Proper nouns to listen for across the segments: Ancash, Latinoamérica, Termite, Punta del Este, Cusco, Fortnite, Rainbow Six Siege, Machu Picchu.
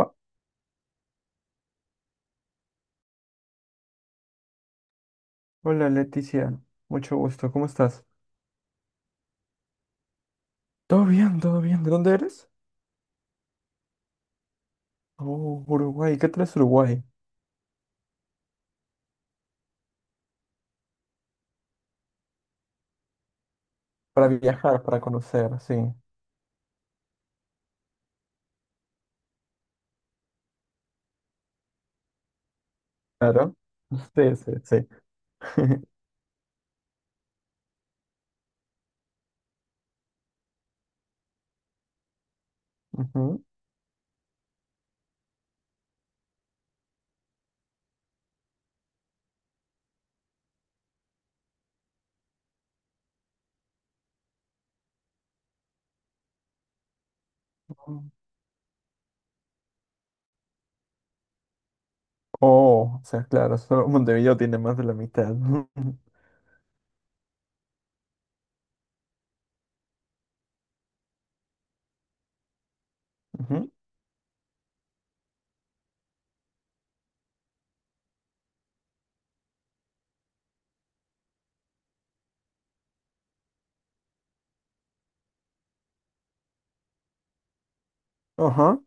Va. Hola Leticia, mucho gusto, ¿cómo estás? Todo bien, todo bien. ¿De dónde eres? Oh, Uruguay. ¿Qué tal es Uruguay? Para viajar, para conocer, sí. Claro. Sí, sí, sí. Ujú. Oh, o sea, claro, solo Montevideo tiene más de la mitad. Ujú. Ajá,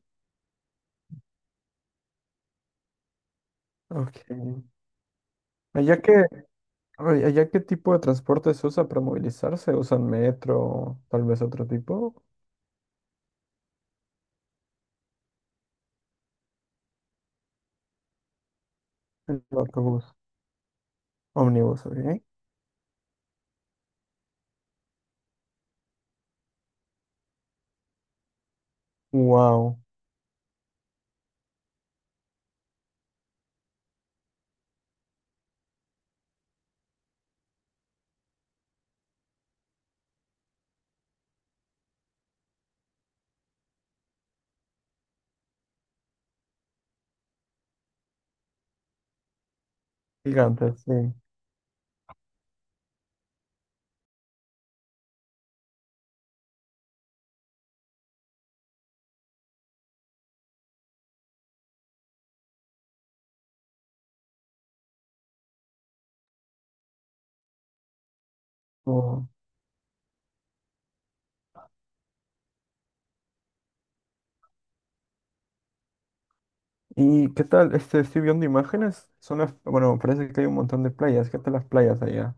ok. ¿Allá qué, ay, allá qué tipo de transporte se usa para movilizarse? ¿Usan metro, tal vez otro tipo? El autobús. Ómnibus, ok. Wow, gigante, sí. Oh. ¿Y qué tal? Estoy viendo imágenes. Son las, bueno, parece que hay un montón de playas. ¿Qué tal las playas allá?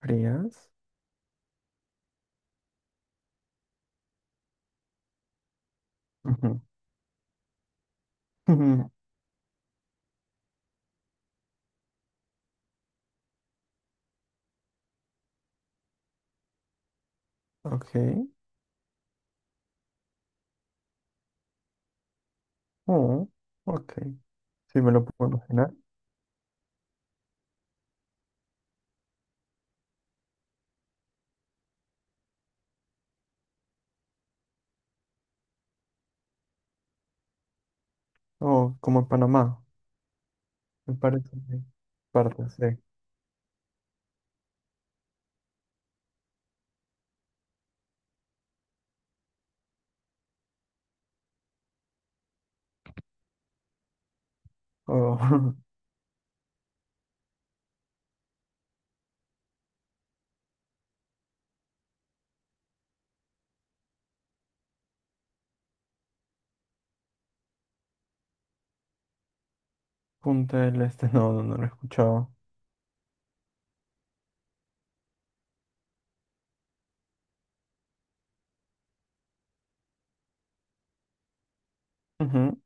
¿Frías? Ujú. Ujú. Ok. Oh, ok. Sí, me lo puedo imaginar. Oh, como en Panamá. Me parece. Que parte, sí. Oh, Punta del Este. No, no, no lo he escuchado. Ujú.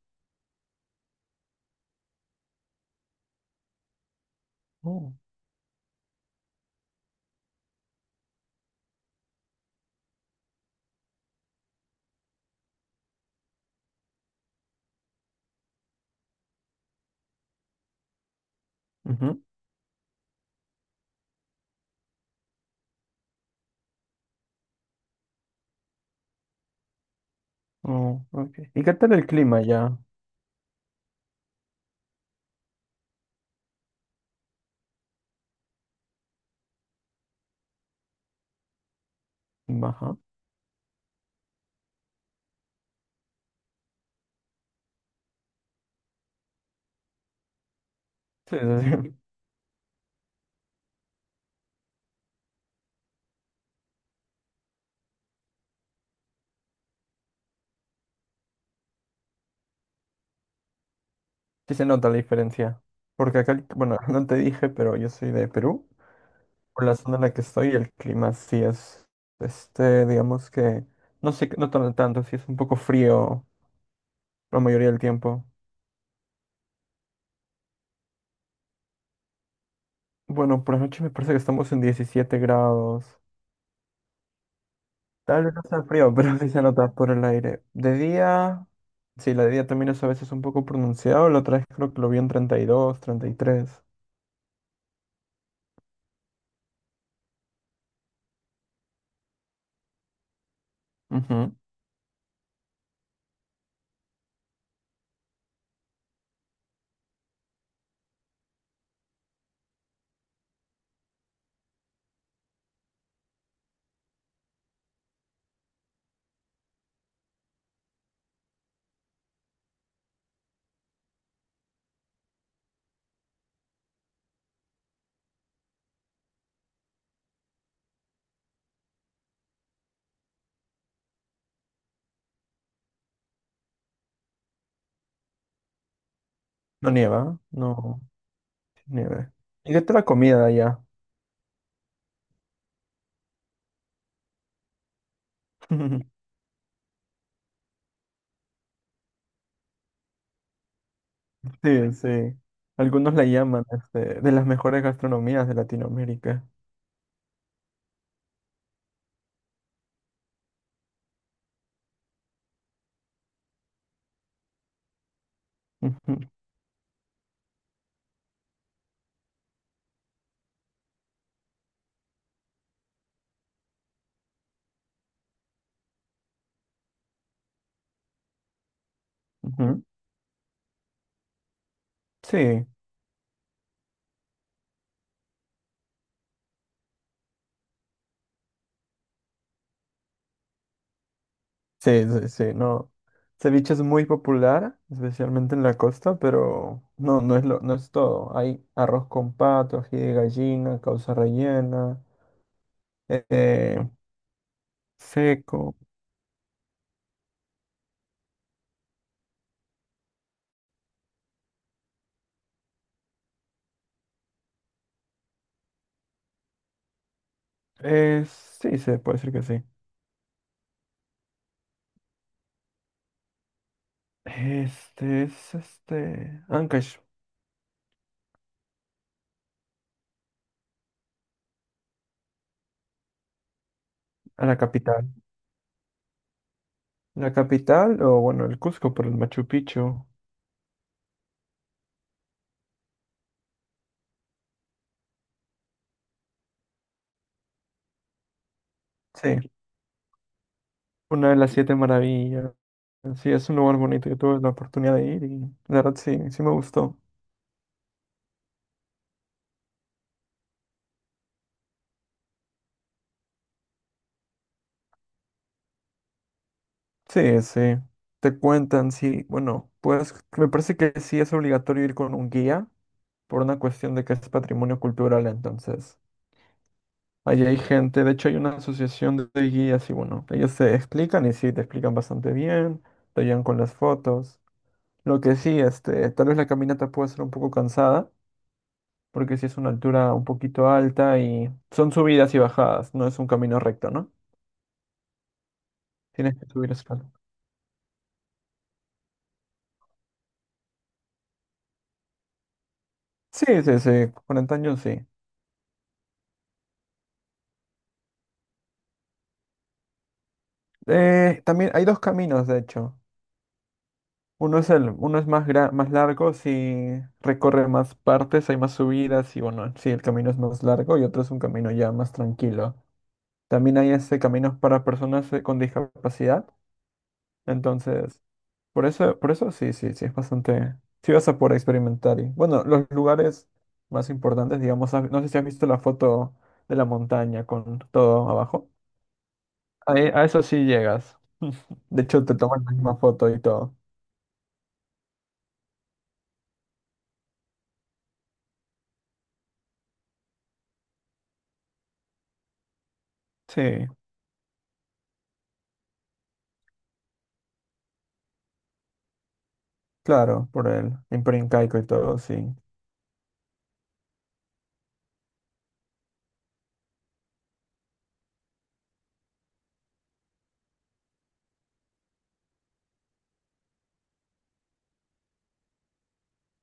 Oh, ujú. Oh, ok. ¿Y qué tal el clima ya? Baja. Sí, sí, sí. Sí se nota la diferencia. Porque acá, bueno, no te dije, pero yo soy de Perú. Por la zona en la que estoy, el clima sí es, digamos que, no sé, no tanto, sí es un poco frío la mayoría del tiempo. Bueno, por la noche me parece que estamos en 17 grados. Tal vez no sea frío, pero sí se nota por el aire. De día, sí, la de día también es a veces un poco pronunciado, la otra vez creo que lo vi en 32, 33. Ujú. No nieva, no sí nieve. ¿Y qué tal la comida allá? Sí, sí. Algunos la llaman de las mejores gastronomías de Latinoamérica. Ujú, ujú. Sí, sí, sí, sí, no. Ceviche es muy popular, especialmente en la costa, pero no, no es todo. Hay arroz con pato, ají de gallina, causa rellena, eh, seco. Sí, se puede decir que sí. Este es Ancash, a la capital. La capital, o bueno, el Cusco por el Machu Picchu. Sí. Una de las siete maravillas. Sí, es un lugar bonito. Yo tuve la oportunidad de ir y la verdad sí, sí me gustó. Sí, sí. Te cuentan, sí. Bueno, pues me parece que sí es obligatorio ir con un guía por una cuestión de que es patrimonio cultural. Entonces, allí hay gente. De hecho, hay una asociación de guías y bueno, ellos te explican y sí, te explican bastante bien. Te ayudan con las fotos. Lo que sí, tal vez la caminata puede ser un poco cansada. Porque sí es una altura un poquito alta y son subidas y bajadas, no es un camino recto, ¿no? Tienes que subir escalón. Sí, sí, sí, con antaño sí. También hay dos caminos, de hecho. Uno es más largo, si recorre más partes, hay más subidas y bueno, sí, el camino es más largo y otro es un camino ya más tranquilo. También hay caminos para personas con discapacidad, entonces por eso, por eso sí, sí, sí, es bastante. Sí vas a poder experimentar. Y, bueno, los lugares más importantes, digamos, no sé si has visto la foto de la montaña con todo abajo. A eso sí llegas. De hecho, te toman la misma foto y todo. Sí, claro, por el Imperio Incaico y todo, sí.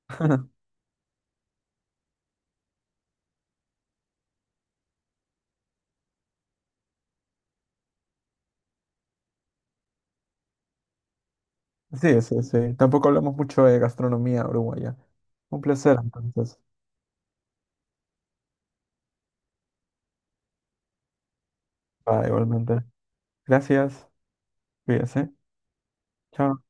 Sí, sí, sí. Tampoco hablamos mucho de gastronomía uruguaya. Un placer, entonces. Va, igualmente. Gracias. Cuídese. Chao.